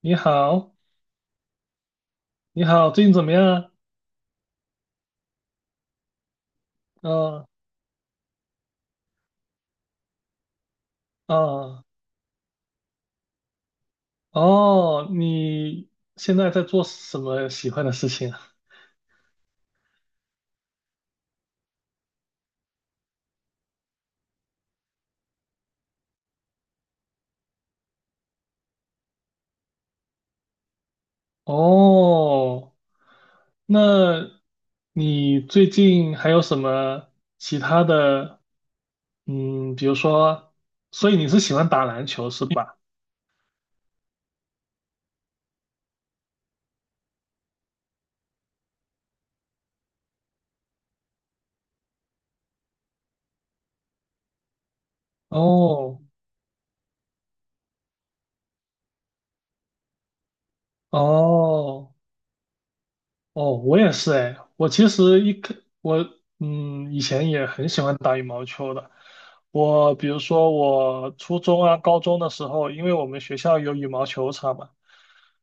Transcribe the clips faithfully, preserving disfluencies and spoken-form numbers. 你好，你好，最近怎么样呃啊？嗯嗯，哦，你现在在做什么喜欢的事情啊？哦，那你最近还有什么其他的？嗯，比如说，所以你是喜欢打篮球是吧？哦哦哦，我也是哎，我其实一开我嗯以前也很喜欢打羽毛球的。我比如说我初中啊、高中的时候，因为我们学校有羽毛球场嘛，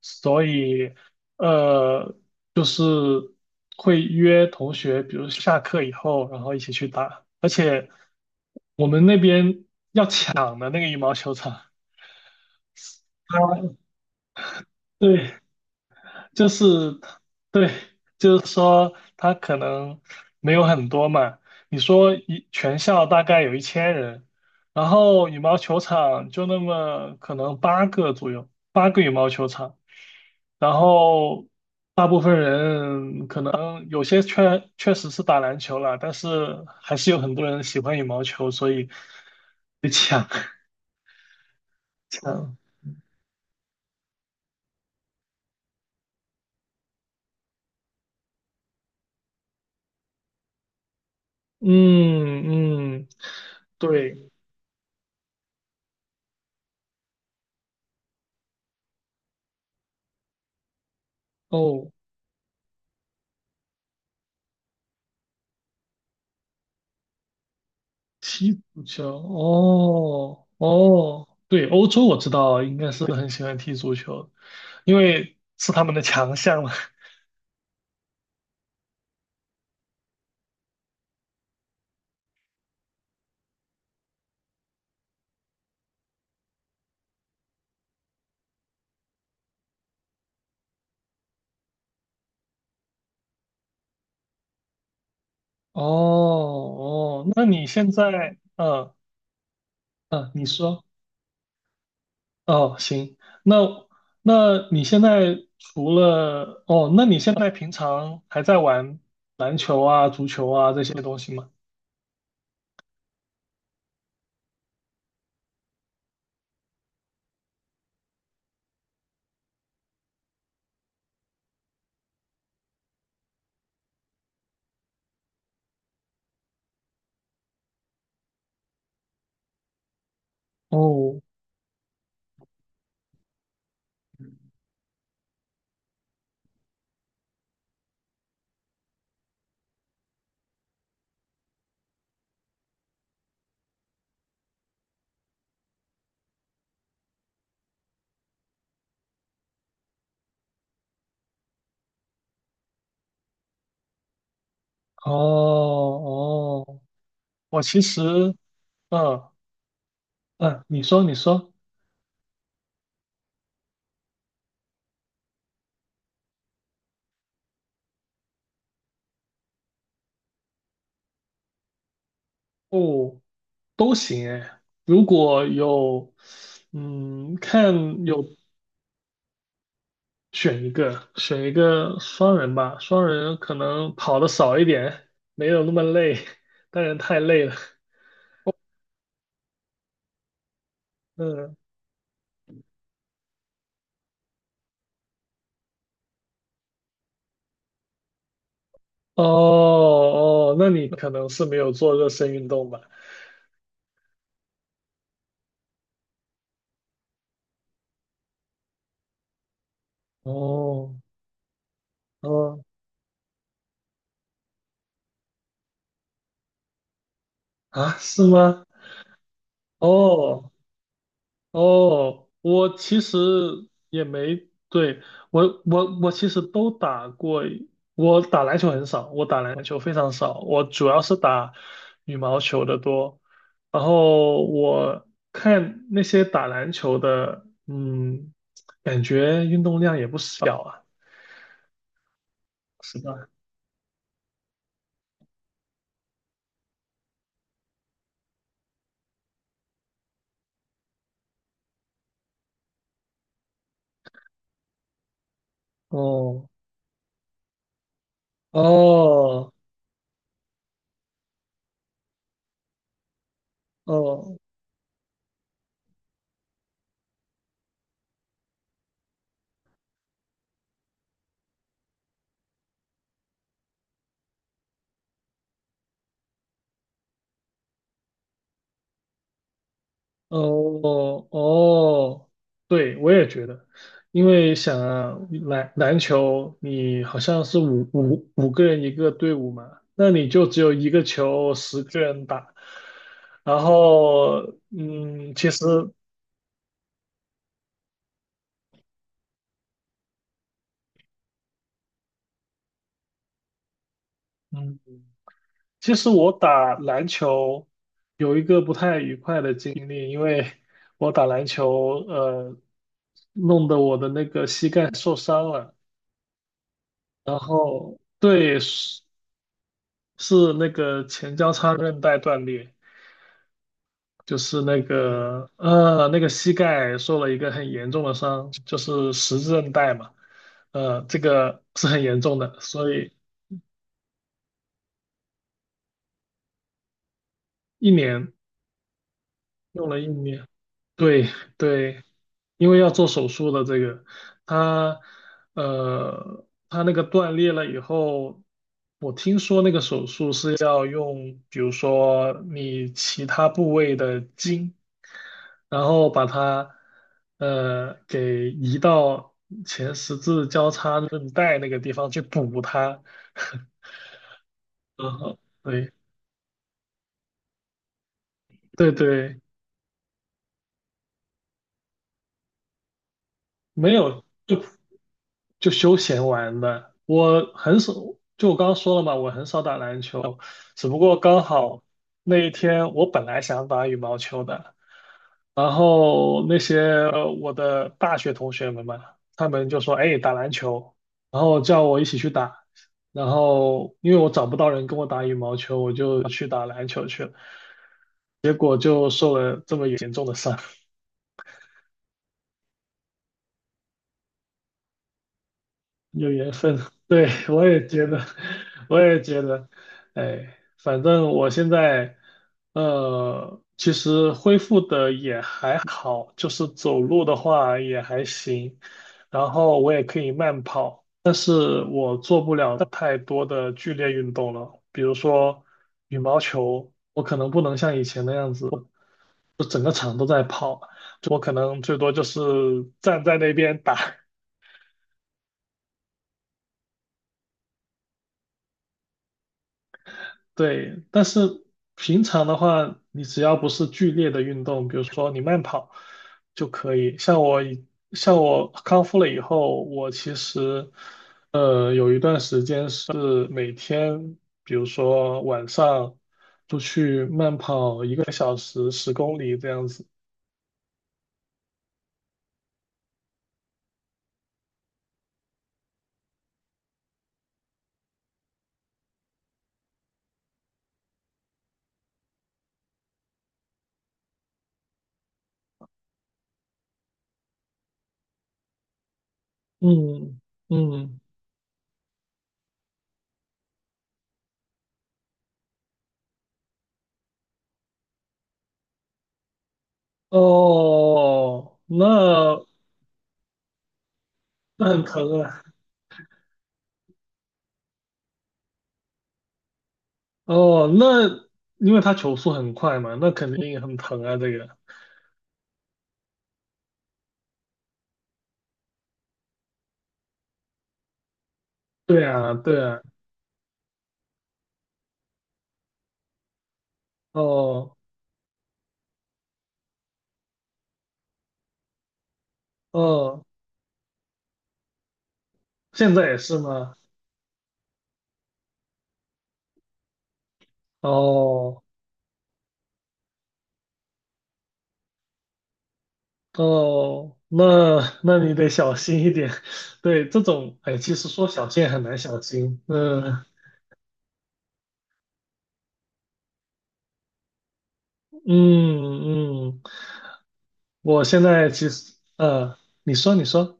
所以呃就是会约同学，比如下课以后，然后一起去打。而且我们那边抢的那个羽毛球场，啊对，就是他对，就是说他可能没有很多嘛。你说一全校大概有一千人，然后羽毛球场就那么可能八个左右，八个羽毛球场，然后大部分人可能有些确确实是打篮球了，但是还是有很多人喜欢羽毛球，所以被抢 抢。嗯嗯，对哦。踢足球，哦哦，对，欧洲我知道，应该是很喜欢踢足球，因为是他们的强项嘛。哦哦，那你现在，嗯嗯，你说，哦行，那那你现在除了，哦，那你现在平常还在玩篮球啊、足球啊这些东西吗？哦哦哦，我其实，嗯嗯，你说你说，哦都行哎，如果有，嗯，看有选一个，选一个双人吧，双人可能跑的少一点，没有那么累，当然太累了。嗯，哦哦，那你可能是没有做热身运动吧？哦哦啊，是吗？哦哦，我其实也没，对，我我我其实都打过，我打篮球很少，我打篮球非常少，我主要是打羽毛球的多。然后我看那些打篮球的，嗯，感觉运动量也不小啊。是吧？哦哦哦哦哦，对，我也觉得，因为想啊，篮篮球你好像是五五五个人一个队伍嘛，那你就只有一个球，十个人打。然后，嗯，其实，嗯，其实我打篮球有一个不太愉快的经历，因为我打篮球，呃，弄得我的那个膝盖受伤了。然后对，是那个前交叉韧带断裂，就是那个呃那个膝盖受了一个很严重的伤，就是十字韧带嘛，呃这个是很严重的，所以一年用了一年，对对，因为要做手术的这个，他呃他那个断裂了以后。我听说那个手术是要用，比如说你其他部位的筋，然后把它呃给移到前十字交叉韧带那个地方去补它。然后对对对，没有就就休闲玩的。我很少，就我刚刚说了嘛，我很少打篮球，只不过刚好那一天我本来想打羽毛球的。然后那些呃我的大学同学们嘛，他们就说：“哎，打篮球。”然后叫我一起去打。然后因为我找不到人跟我打羽毛球，我就去打篮球去了。结果就受了这么严重的伤。有缘分，对，我也觉得，我也觉得，哎，反正我现在，呃，其实恢复的也还好，就是走路的话也还行，然后我也可以慢跑，但是我做不了太多的剧烈运动了，比如说羽毛球，我可能不能像以前那样子，就整个场都在跑，就我可能最多就是站在那边打。对，但是平常的话，你只要不是剧烈的运动，比如说你慢跑就可以。像我以像我康复了以后，我其实呃有一段时间是每天，比如说晚上出去慢跑一个小时，十公里这样子。嗯嗯，哦，那那很疼啊。哦，那因为他球速很快嘛，那肯定很疼啊，这个。对啊，对啊，哦哦，现在也是吗？哦哦，那那你得小心一点。对，这种，哎，其实说小心也很难小心。嗯嗯嗯，我现在其实，呃，你说你说，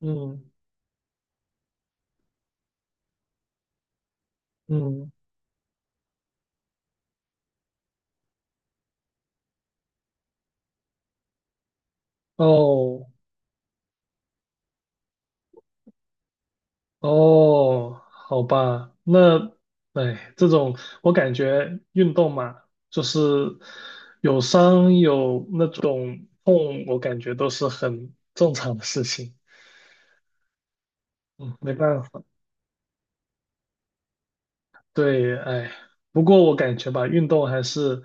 嗯嗯，哦哦，好吧，那，哎，这种我感觉运动嘛，就是有伤有那种痛，我感觉都是很正常的事情。嗯，没办法。对，哎，不过我感觉吧，运动还是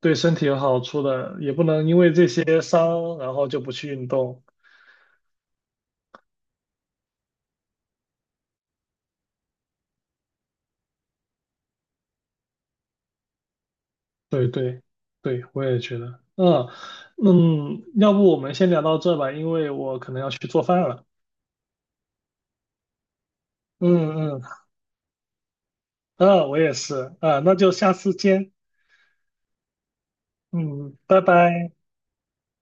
对身体有好处的，也不能因为这些伤，然后就不去运动。对对对，我也觉得。嗯嗯，要不我们先聊到这吧，因为我可能要去做饭了。嗯嗯。嗯，我也是，啊，那就下次见，嗯，拜拜。